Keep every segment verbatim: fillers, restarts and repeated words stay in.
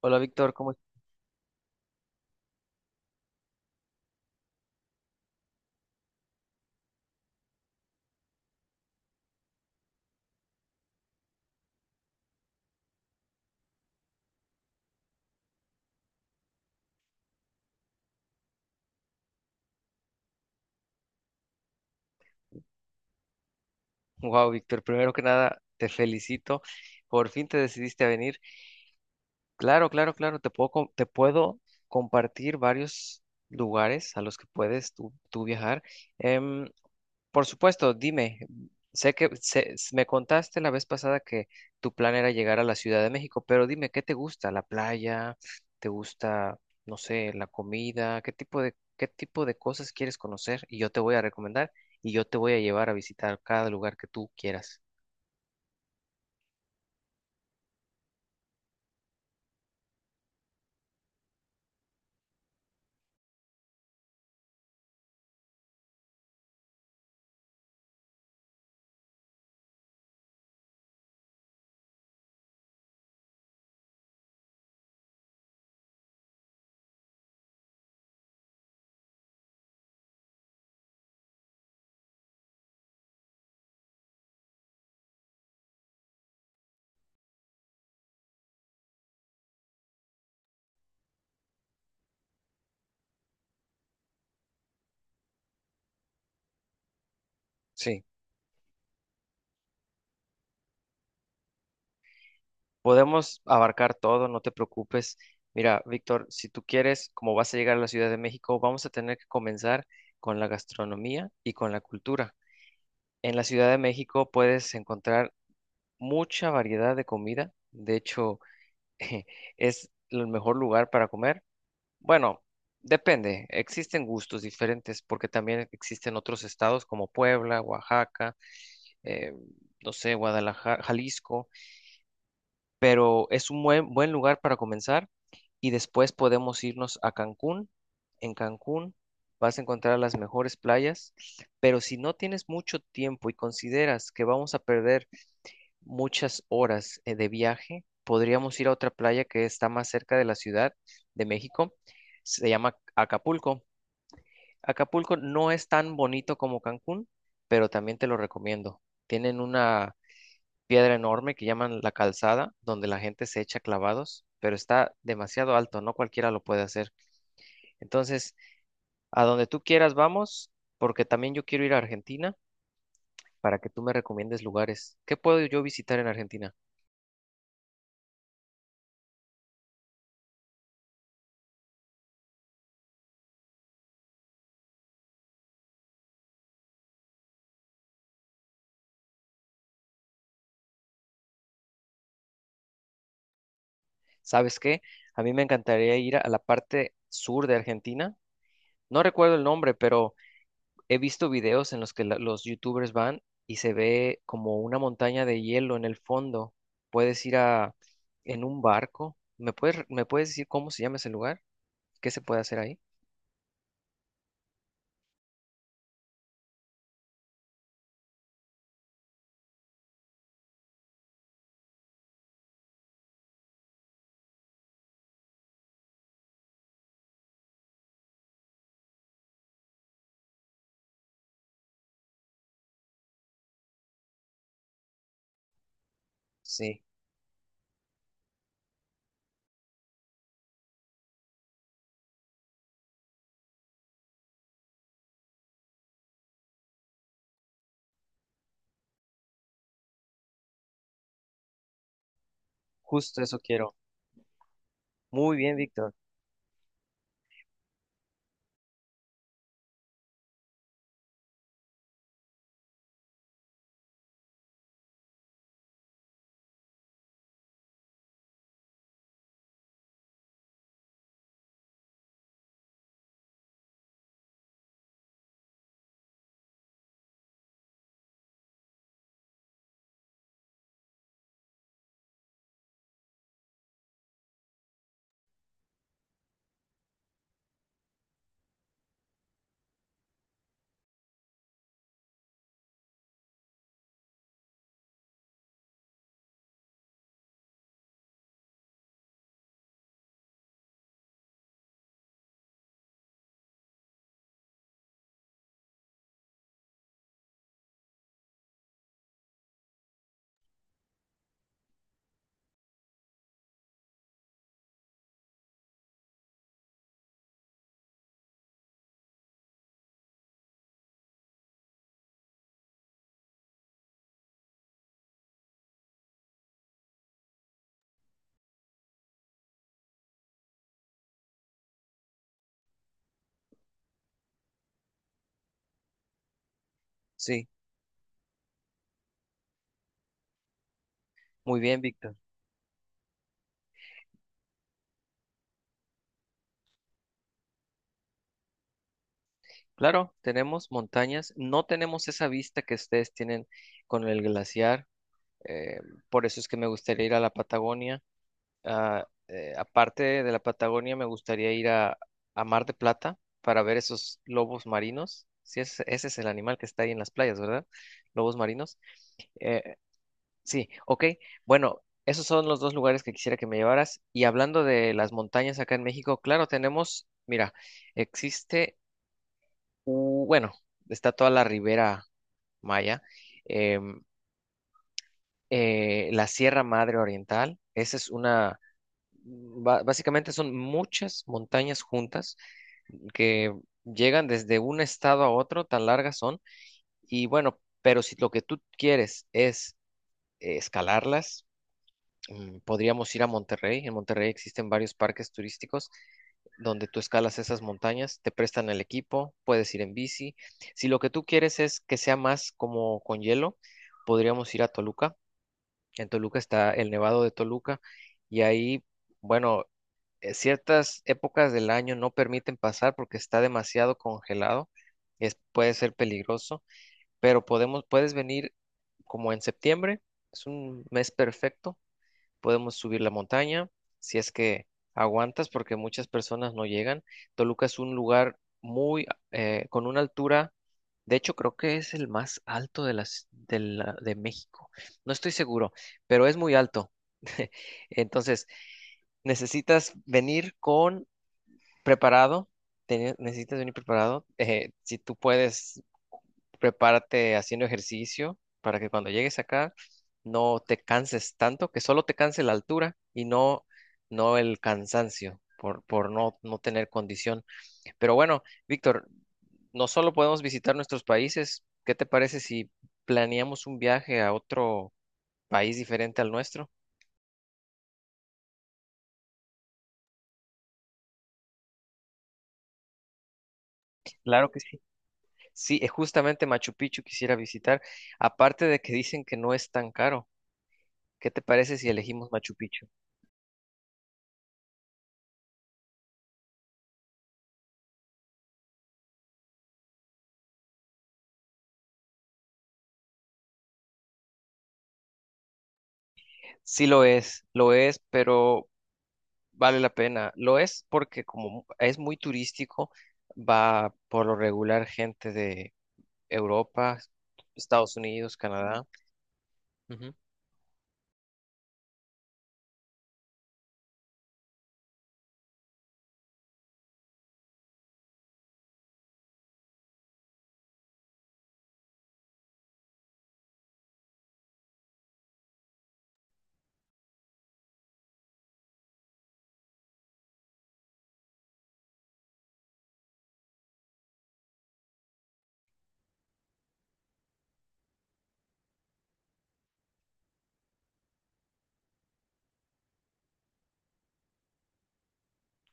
Hola Víctor, ¿cómo estás? Wow, Víctor, primero que nada, te felicito. Por fin te decidiste a venir. Claro, claro, claro, te puedo, com- te puedo compartir varios lugares a los que puedes tú, tú viajar. Em, Por supuesto, dime, sé que se- s- me contaste la vez pasada que tu plan era llegar a la Ciudad de México, pero dime, ¿qué te gusta? ¿La playa? ¿Te gusta, no sé, la comida? ¿Qué tipo de, qué tipo de cosas quieres conocer? Y yo te voy a recomendar y yo te voy a llevar a visitar cada lugar que tú quieras. Sí, podemos abarcar todo, no te preocupes. Mira, Víctor, si tú quieres, como vas a llegar a la Ciudad de México, vamos a tener que comenzar con la gastronomía y con la cultura. En la Ciudad de México puedes encontrar mucha variedad de comida. De hecho, es el mejor lugar para comer. Bueno, depende. Existen gustos diferentes porque también existen otros estados como Puebla, Oaxaca, eh, no sé, Guadalajara, Jalisco. Pero es un buen, buen lugar para comenzar y después podemos irnos a Cancún. En Cancún vas a encontrar las mejores playas, pero si no tienes mucho tiempo y consideras que vamos a perder muchas horas eh, de viaje, podríamos ir a otra playa que está más cerca de la Ciudad de México. Se llama Acapulco. Acapulco no es tan bonito como Cancún, pero también te lo recomiendo. Tienen una piedra enorme que llaman la calzada, donde la gente se echa clavados, pero está demasiado alto, no cualquiera lo puede hacer. Entonces, a donde tú quieras vamos, porque también yo quiero ir a Argentina para que tú me recomiendes lugares. ¿Qué puedo yo visitar en Argentina? ¿Sabes qué? A mí me encantaría ir a la parte sur de Argentina. No recuerdo el nombre, pero he visto videos en los que la- los youtubers van y se ve como una montaña de hielo en el fondo. Puedes ir a en un barco. ¿Me puedes, re- me puedes decir cómo se llama ese lugar? ¿Qué se puede hacer ahí? Sí, justo eso quiero. Muy bien, Víctor. Sí, muy bien, Víctor. Claro, tenemos montañas. No tenemos esa vista que ustedes tienen con el glaciar. eh, por eso es que me gustaría ir a la Patagonia. Ah, eh, aparte de la Patagonia, me gustaría ir a, a Mar de Plata para ver esos lobos marinos. Sí, ese, ese es el animal que está ahí en las playas, ¿verdad? Lobos marinos. Eh, sí, ok. Bueno, esos son los dos lugares que quisiera que me llevaras. Y hablando de las montañas acá en México, claro, tenemos, mira, existe, u- bueno, está toda la Ribera Maya, em, eh, la Sierra Madre Oriental. Esa es una ba- básicamente son muchas montañas juntas que llegan desde un estado a otro, tan largas son. Y bueno, pero si lo que tú quieres es eh, escalarlas, mm, podríamos ir a Monterrey. En Monterrey existen varios parques turísticos donde tú escalas esas montañas, te prestan el equipo, puedes ir en bici. Si lo que tú quieres es que sea más como con hielo, podríamos ir a Toluca. En Toluca está el Nevado de Toluca y ahí, bueno, eh, ciertas épocas del año no permiten pasar porque está demasiado congelado, es, puede ser peligroso, pero podemos, puedes venir como en septiembre, es un mes perfecto, podemos subir la montaña, si es que aguantas, porque muchas personas no llegan. Toluca es un lugar muy, eh, con una altura, de hecho creo que es el más alto de las, de la- de México. No estoy seguro, pero es muy alto. Entonces, necesitas venir con preparado, teni- necesitas venir preparado. Eh, si tú puedes, prepárate haciendo ejercicio para que cuando llegues acá no te canses tanto, que solo te canse la altura y no, no el cansancio por, por no, no tener condición. Pero bueno, Víctor, no solo podemos visitar nuestros países, ¿qué te parece si planeamos un viaje a otro país diferente al nuestro? Claro que sí. Sí, es justamente Machu Picchu quisiera visitar, aparte de que dicen que no es tan caro. ¿Qué te parece si elegimos Machu Picchu? Sí lo es, lo es, pero vale la pena. Lo es porque como es muy turístico, va por lo regular gente de Europa, Estados Unidos, Canadá. Ujú,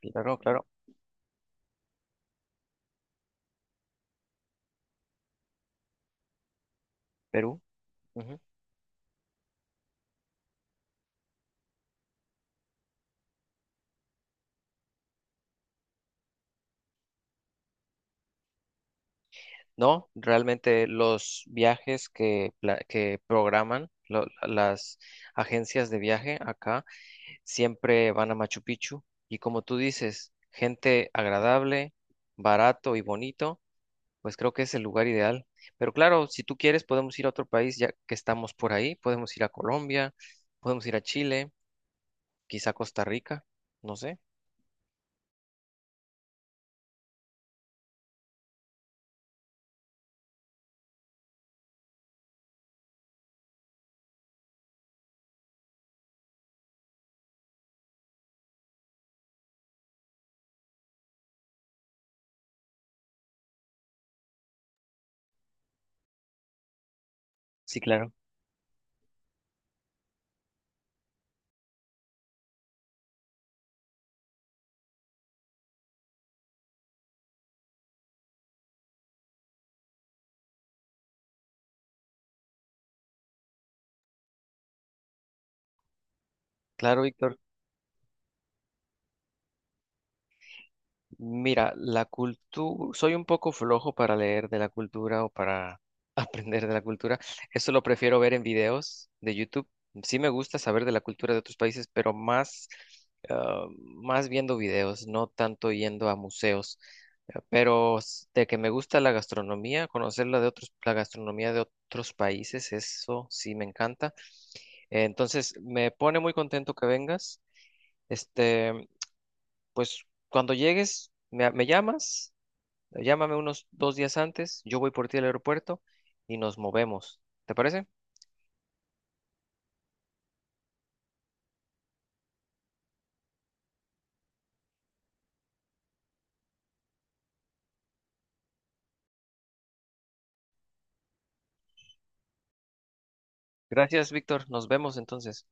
claro, claro, Perú, ujú. No, realmente los viajes que, pla- que programan lo- las agencias de viaje acá siempre van a Machu Picchu y como tú dices, gente agradable, barato y bonito, pues creo que es el lugar ideal. Pero claro, si tú quieres, podemos ir a otro país ya que estamos por ahí, podemos ir a Colombia, podemos ir a Chile, quizá Costa Rica, no sé. Sí, claro. Claro, Víctor. Mira, la cultura, soy un poco flojo para leer de la cultura o para aprender de la cultura. Eso lo prefiero ver en videos de YouTube. Sí me gusta saber de la cultura de otros países, pero más, ah, más viendo videos, no tanto yendo a museos. Eh, Pero s- de que me gusta la gastronomía, conocer la de otros, la gastronomía de otros países, eso sí me encanta. Eh, Entonces, me pone muy contento que vengas. Este, pues cuando llegues, me, me llamas. Llámame unos dos días antes, yo voy por ti al aeropuerto y nos movemos. ¿Te parece? Gracias, Víctor. Nos vemos entonces.